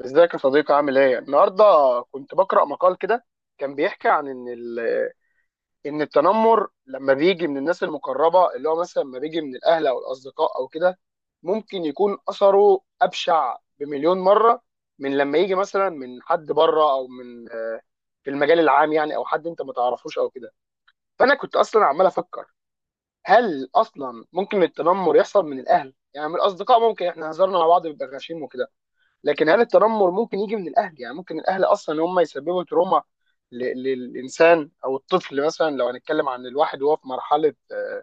ازيك يا صديقي؟ عامل ايه؟ النهارده كنت بقرأ مقال كده. كان بيحكي عن ان التنمر لما بيجي من الناس المقربه، اللي هو مثلا لما بيجي من الاهل او الاصدقاء او كده، ممكن يكون اثره ابشع بمليون مره من لما يجي مثلا من حد بره، او من في المجال العام يعني، او حد انت ما تعرفوش او كده. فانا كنت اصلا عمال افكر، هل اصلا ممكن التنمر يحصل من الاهل؟ يعني من الاصدقاء ممكن، احنا هزرنا مع بعض بيبقى غشيم وكده، لكن هل التنمر ممكن يجي من الاهل؟ يعني ممكن الاهل اصلا هم يسببوا تروما للانسان او الطفل، مثلا لو هنتكلم عن الواحد وهو في مرحله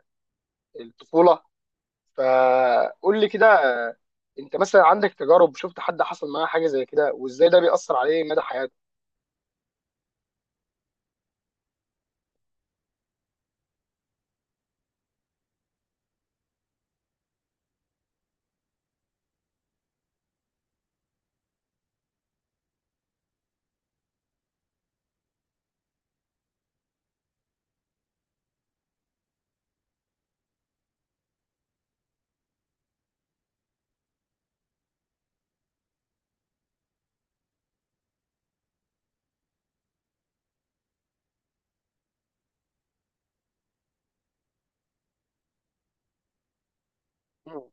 الطفوله. فقول لي كده، آه، انت مثلا عندك تجارب؟ شفت حد حصل معاه حاجه زي كده، وازاي ده بيأثر عليه مدى حياته؟ مم.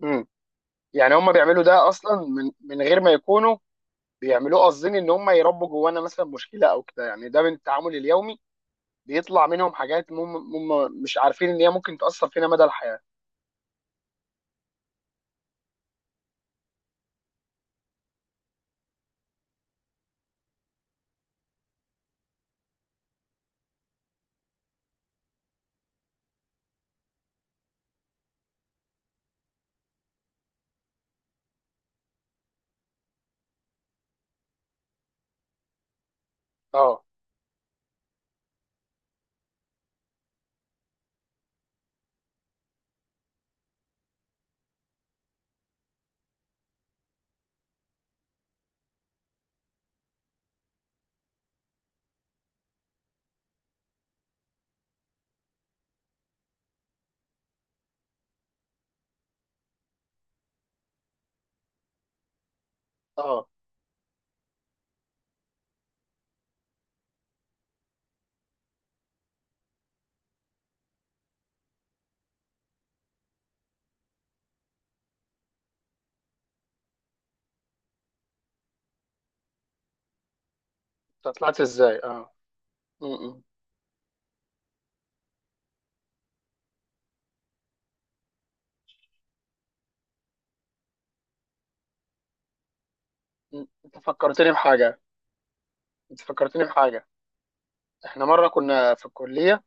مم. يعني هم بيعملوا ده اصلا من غير ما يكونوا بيعملوه قاصدين، ان هم يربوا جوانا مثلا مشكله او كده؟ يعني ده من التعامل اليومي بيطلع منهم حاجات هم مش عارفين ان هي ممكن تأثر فينا مدى الحياه؟ اه. اه. انت طلعت ازاي؟ اه. م- م- م. انت فكرتني بحاجه. انت فكرتني بحاجه. احنا مره كنا في الكليه،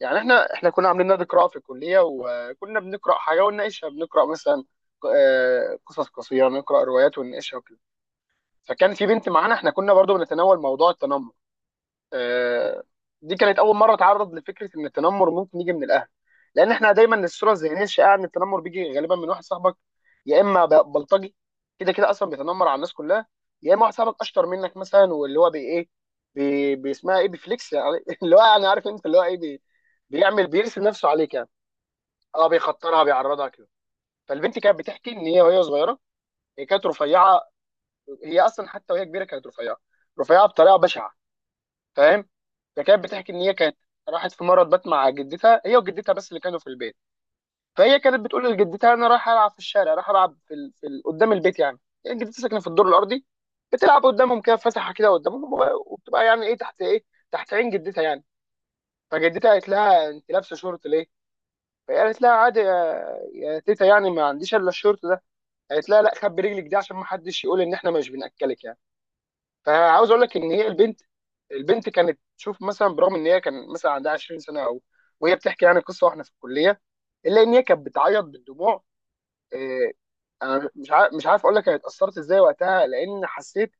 يعني احنا كنا عاملين نادي قراءه في الكليه، وكنا بنقرا حاجه ونناقشها. بنقرا مثلا قصص قصيره، نقرا روايات ونناقشها وكده. فكان في بنت معانا، احنا كنا برضو بنتناول موضوع التنمر. آه، دي كانت اول مره اتعرض لفكره ان التنمر ممكن يجي من الاهل، لان احنا دايما الصوره الذهنيه الشائعه ان التنمر بيجي غالبا من واحد صاحبك، يا اما بلطجي كده كده اصلا بيتنمر على الناس كلها، يا اما واحد صاحبك اشطر منك مثلا، واللي هو بي ايه، بي بيسمها ايه، بيفليكس يعني، اللي هو يعني عارف انت اللي هو ايه، بي بيرسم نفسه عليك يعني. اه، بيخطرها، بيعرضها كده. فالبنت كانت بتحكي ان هي وهي صغيره، هي كانت رفيعه، هي اصلا حتى وهي كبيره كانت رفيعه، رفيعه بطريقه بشعه، فاهم؟ فكانت بتحكي ان هي كانت راحت في مره بات مع جدتها، هي وجدتها بس اللي كانوا في البيت. فهي كانت بتقول لجدتها انا رايحه العب في الشارع، رايحه العب قدام البيت يعني، يعني جدتها ساكنه في الدور الارضي، بتلعب قدامهم كده، فاتحه كده قدامهم، وبتبقى يعني ايه، تحت ايه، تحت عين جدتها يعني. فجدتها قالت لها انت لابسه شورت ليه؟ فهي قالت لها عادي يا تيتا، يعني ما عنديش الا الشورت ده. قالت لها لا خبي رجلك دي، عشان ما حدش يقول ان احنا مش بناكلك يعني. فعاوز اقول لك ان هي البنت كانت تشوف مثلا، برغم ان هي كان مثلا عندها 20 سنه، او وهي بتحكي يعني قصه واحنا في الكليه، الا ان هي كانت بتعيط بالدموع. آه، انا مش عارف اقول لك انا اتاثرت ازاي وقتها، لان حسيت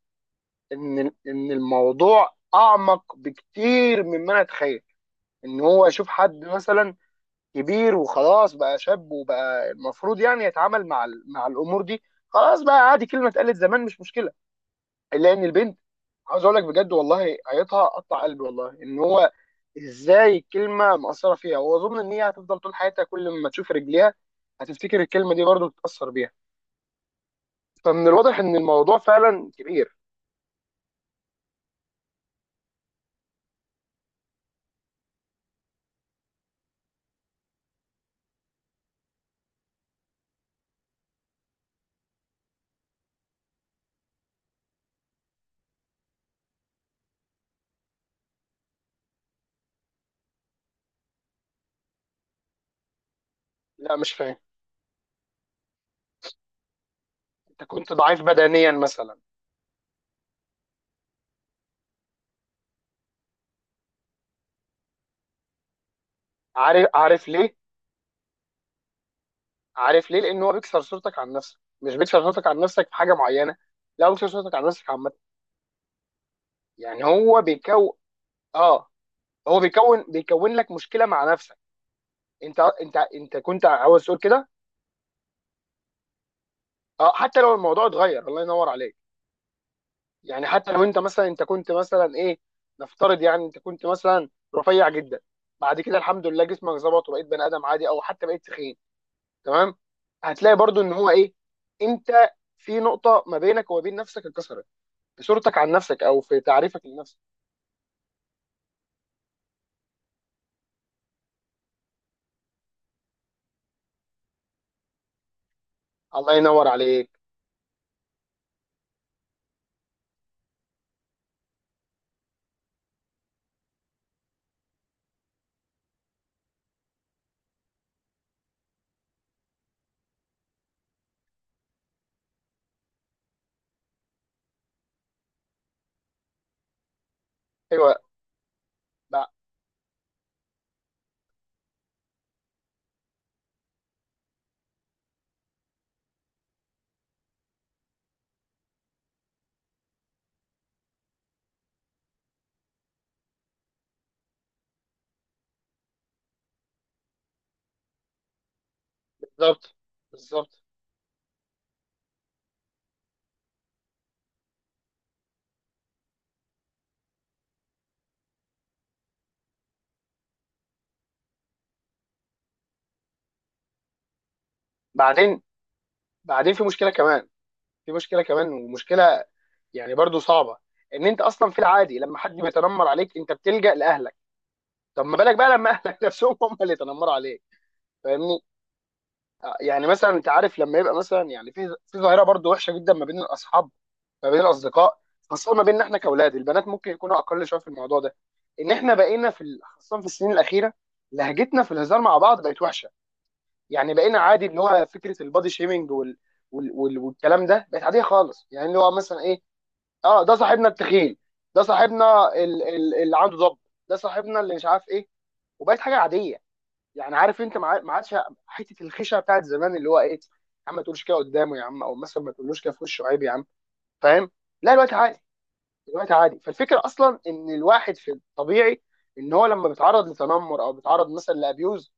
ان ان الموضوع اعمق بكتير مما انا اتخيل. ان هو يشوف حد مثلا كبير وخلاص بقى شاب، وبقى المفروض يعني يتعامل مع مع الامور دي، خلاص بقى عادي، كلمه اتقالت زمان مش مشكله، الا ان البنت، عاوز اقول لك بجد والله قريتها قطع قلبي، والله ان هو ازاي الكلمه مأثره فيها، واظن ان هي هتفضل طول حياتها كل ما تشوف رجليها هتفتكر الكلمه دي، برضه تتأثر بيها. فمن الواضح ان الموضوع فعلا كبير. لا، مش فاهم. انت كنت ضعيف بدنيا مثلا؟ عارف ليه عارف ليه؟ لان هو بيكسر صورتك عن نفسك، مش بيكسر صورتك عن نفسك في حاجه معينه، لا، هو بيكسر صورتك عن نفسك عامه، يعني اه هو بيكون لك مشكله مع نفسك. انت كنت عاوز تقول كده. اه، حتى لو الموضوع اتغير، الله ينور عليك. يعني حتى لو انت مثلا، انت كنت مثلا ايه، نفترض يعني انت كنت مثلا رفيع جدا، بعد كده الحمد لله جسمك ظبط وبقيت بني ادم عادي، او حتى بقيت تخين، تمام، هتلاقي برضو ان هو ايه، انت في نقطة ما بينك وما بين نفسك اتكسرت، في صورتك عن نفسك او في تعريفك لنفسك. الله ينور عليك. ايوه، بع- بالظبط، بالظبط. بعدين، بعدين في مشكلة كمان، في مشكله كمان، ومشكله يعني برضو صعبه، ان انت اصلا في العادي لما حد بيتنمر عليك انت بتلجأ لاهلك. طب ما بالك بقى لما اهلك نفسهم هم اللي يتنمروا عليك؟ فاهمني؟ يعني مثلا انت عارف لما يبقى مثلا، يعني في ظاهره برضو وحشه جدا ما بين الاصحاب، ما بين الاصدقاء، خاصه ما بيننا احنا كاولاد، البنات ممكن يكونوا اقل شويه في الموضوع ده، ان احنا بقينا خاصه في السنين الاخيره لهجتنا في الهزار مع بعض بقت وحشه. يعني بقينا عادي اللي هو فكره البادي شيمينج والكلام ده، بقت عاديه خالص، يعني اللي هو مثلا ايه؟ اه، ده صاحبنا التخين، ده صاحبنا اللي عنده ضب، ده صاحبنا اللي مش عارف ايه، وبقت حاجه عاديه. يعني عارف انت، ما عادش حته الخشعه بتاعت زمان، اللي هو ايه يا عم، ما تقولش كده قدامه يا عم، او مثلا ما تقولوش كده في وشه، عيب يا عم، فاهم؟ لا، الوقت عادي، الوقت عادي. فالفكره اصلا ان الواحد في الطبيعي، ان هو لما بيتعرض لتنمر، او بيتعرض مثلا لابيوز،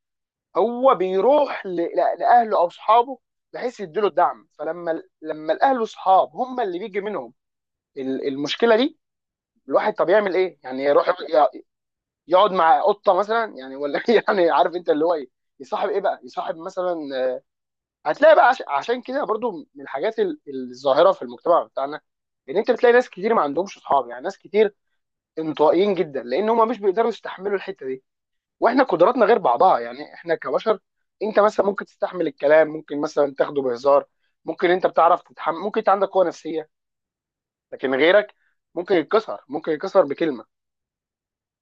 هو بيروح لاهله او اصحابه، بحيث يديله الدعم. فلما الاهل واصحاب هم اللي بيجي منهم المشكله دي، الواحد طب يعمل ايه؟ يعني يروح يقعد مع قطه مثلا يعني؟ ولا يعني عارف انت اللي هو ايه، يصاحب ايه بقى، يصاحب مثلا. هتلاقي بقى عشان كده برضو من الحاجات الظاهره في المجتمع بتاعنا، ان انت بتلاقي ناس كتير ما عندهمش اصحاب، يعني ناس كتير انطوائيين جدا، لان هم مش بيقدروا يستحملوا الحته دي. واحنا قدراتنا غير بعضها يعني، احنا كبشر، انت مثلا ممكن تستحمل الكلام، ممكن مثلا تاخده بهزار، ممكن انت بتعرف تتحمل، ممكن انت عندك قوه نفسيه، لكن غيرك ممكن يتكسر، ممكن يتكسر بكلمه.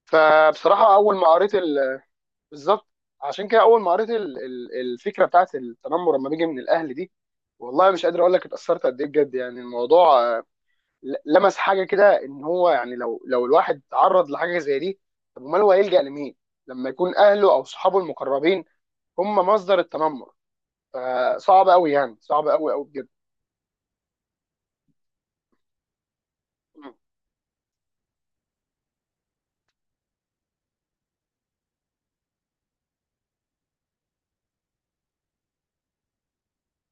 فبصراحه، اول ما قريت بالظبط، عشان كده اول ما قريت الفكره بتاعت التنمر لما بيجي من الاهل دي، والله مش قادر اقول لك اتاثرت قد ايه بجد، يعني الموضوع لمس حاجه كده، ان هو يعني، لو الواحد تعرض لحاجه زي دي، طب امال هو هيلجأ لمين؟ لما يكون اهله او صحابه المقربين هم مصدر التنمر؟ فصعب قوي، يعني صعب قوي قوي بجد. مم.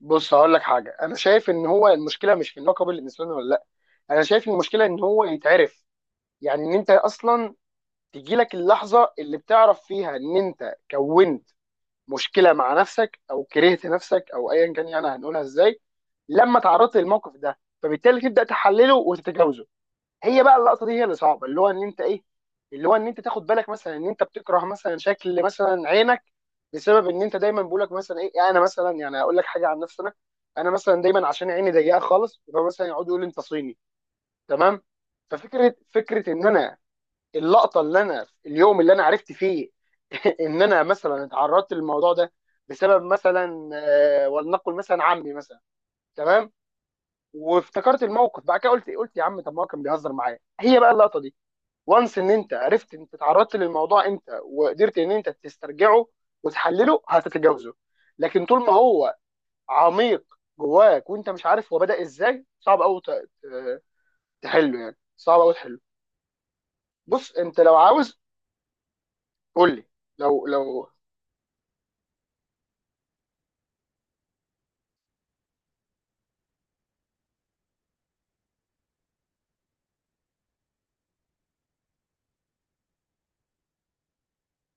بص، هقول لك حاجه. انا شايف ان هو المشكله مش في اللقب اللي بيلبسونه، ولا لا، انا شايف إن المشكله ان هو يتعرف، يعني ان انت اصلا تجيلك اللحظه اللي بتعرف فيها ان انت كونت مشكله مع نفسك، او كرهت نفسك، او ايا كان يعني هنقولها ازاي، لما تعرضت للموقف ده، فبالتالي تبدا تحلله وتتجاوزه. هي بقى اللقطه دي هي اللي صعبه، اللي هو ان انت ايه، اللي هو ان انت تاخد بالك مثلا ان انت بتكره مثلا شكل مثلا عينك، بسبب ان انت دايما بقولك مثلا ايه، يعني انا مثلا يعني اقول لك حاجه عن نفسي انا، انا مثلا دايما عشان عيني ضيقه خالص، فمثلا يقعدوا يقولوا انت صيني، تمام؟ ففكره ان انا، اللقطه اللي انا اليوم اللي انا عرفت فيه ان انا مثلا اتعرضت للموضوع ده بسبب مثلا ولنقل مثلا عمي مثلا، تمام، وافتكرت الموقف بعد كده، قلت يا عم طب ما هو كان بيهزر معايا، هي بقى اللقطه دي، وانس. ان انت عرفت انت اتعرضت للموضوع امتى، وقدرت ان انت تسترجعه وتحلله، هتتجاوزه. لكن طول ما هو عميق جواك، وانت مش عارف هو بدأ ازاي، صعب قوي تحله، يعني صعب قوي تحله. بص انت لو عاوز، قول لي، لو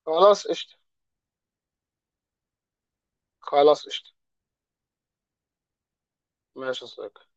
خلاص قشطة، خلاص قشطة، ماشي يا صديقي.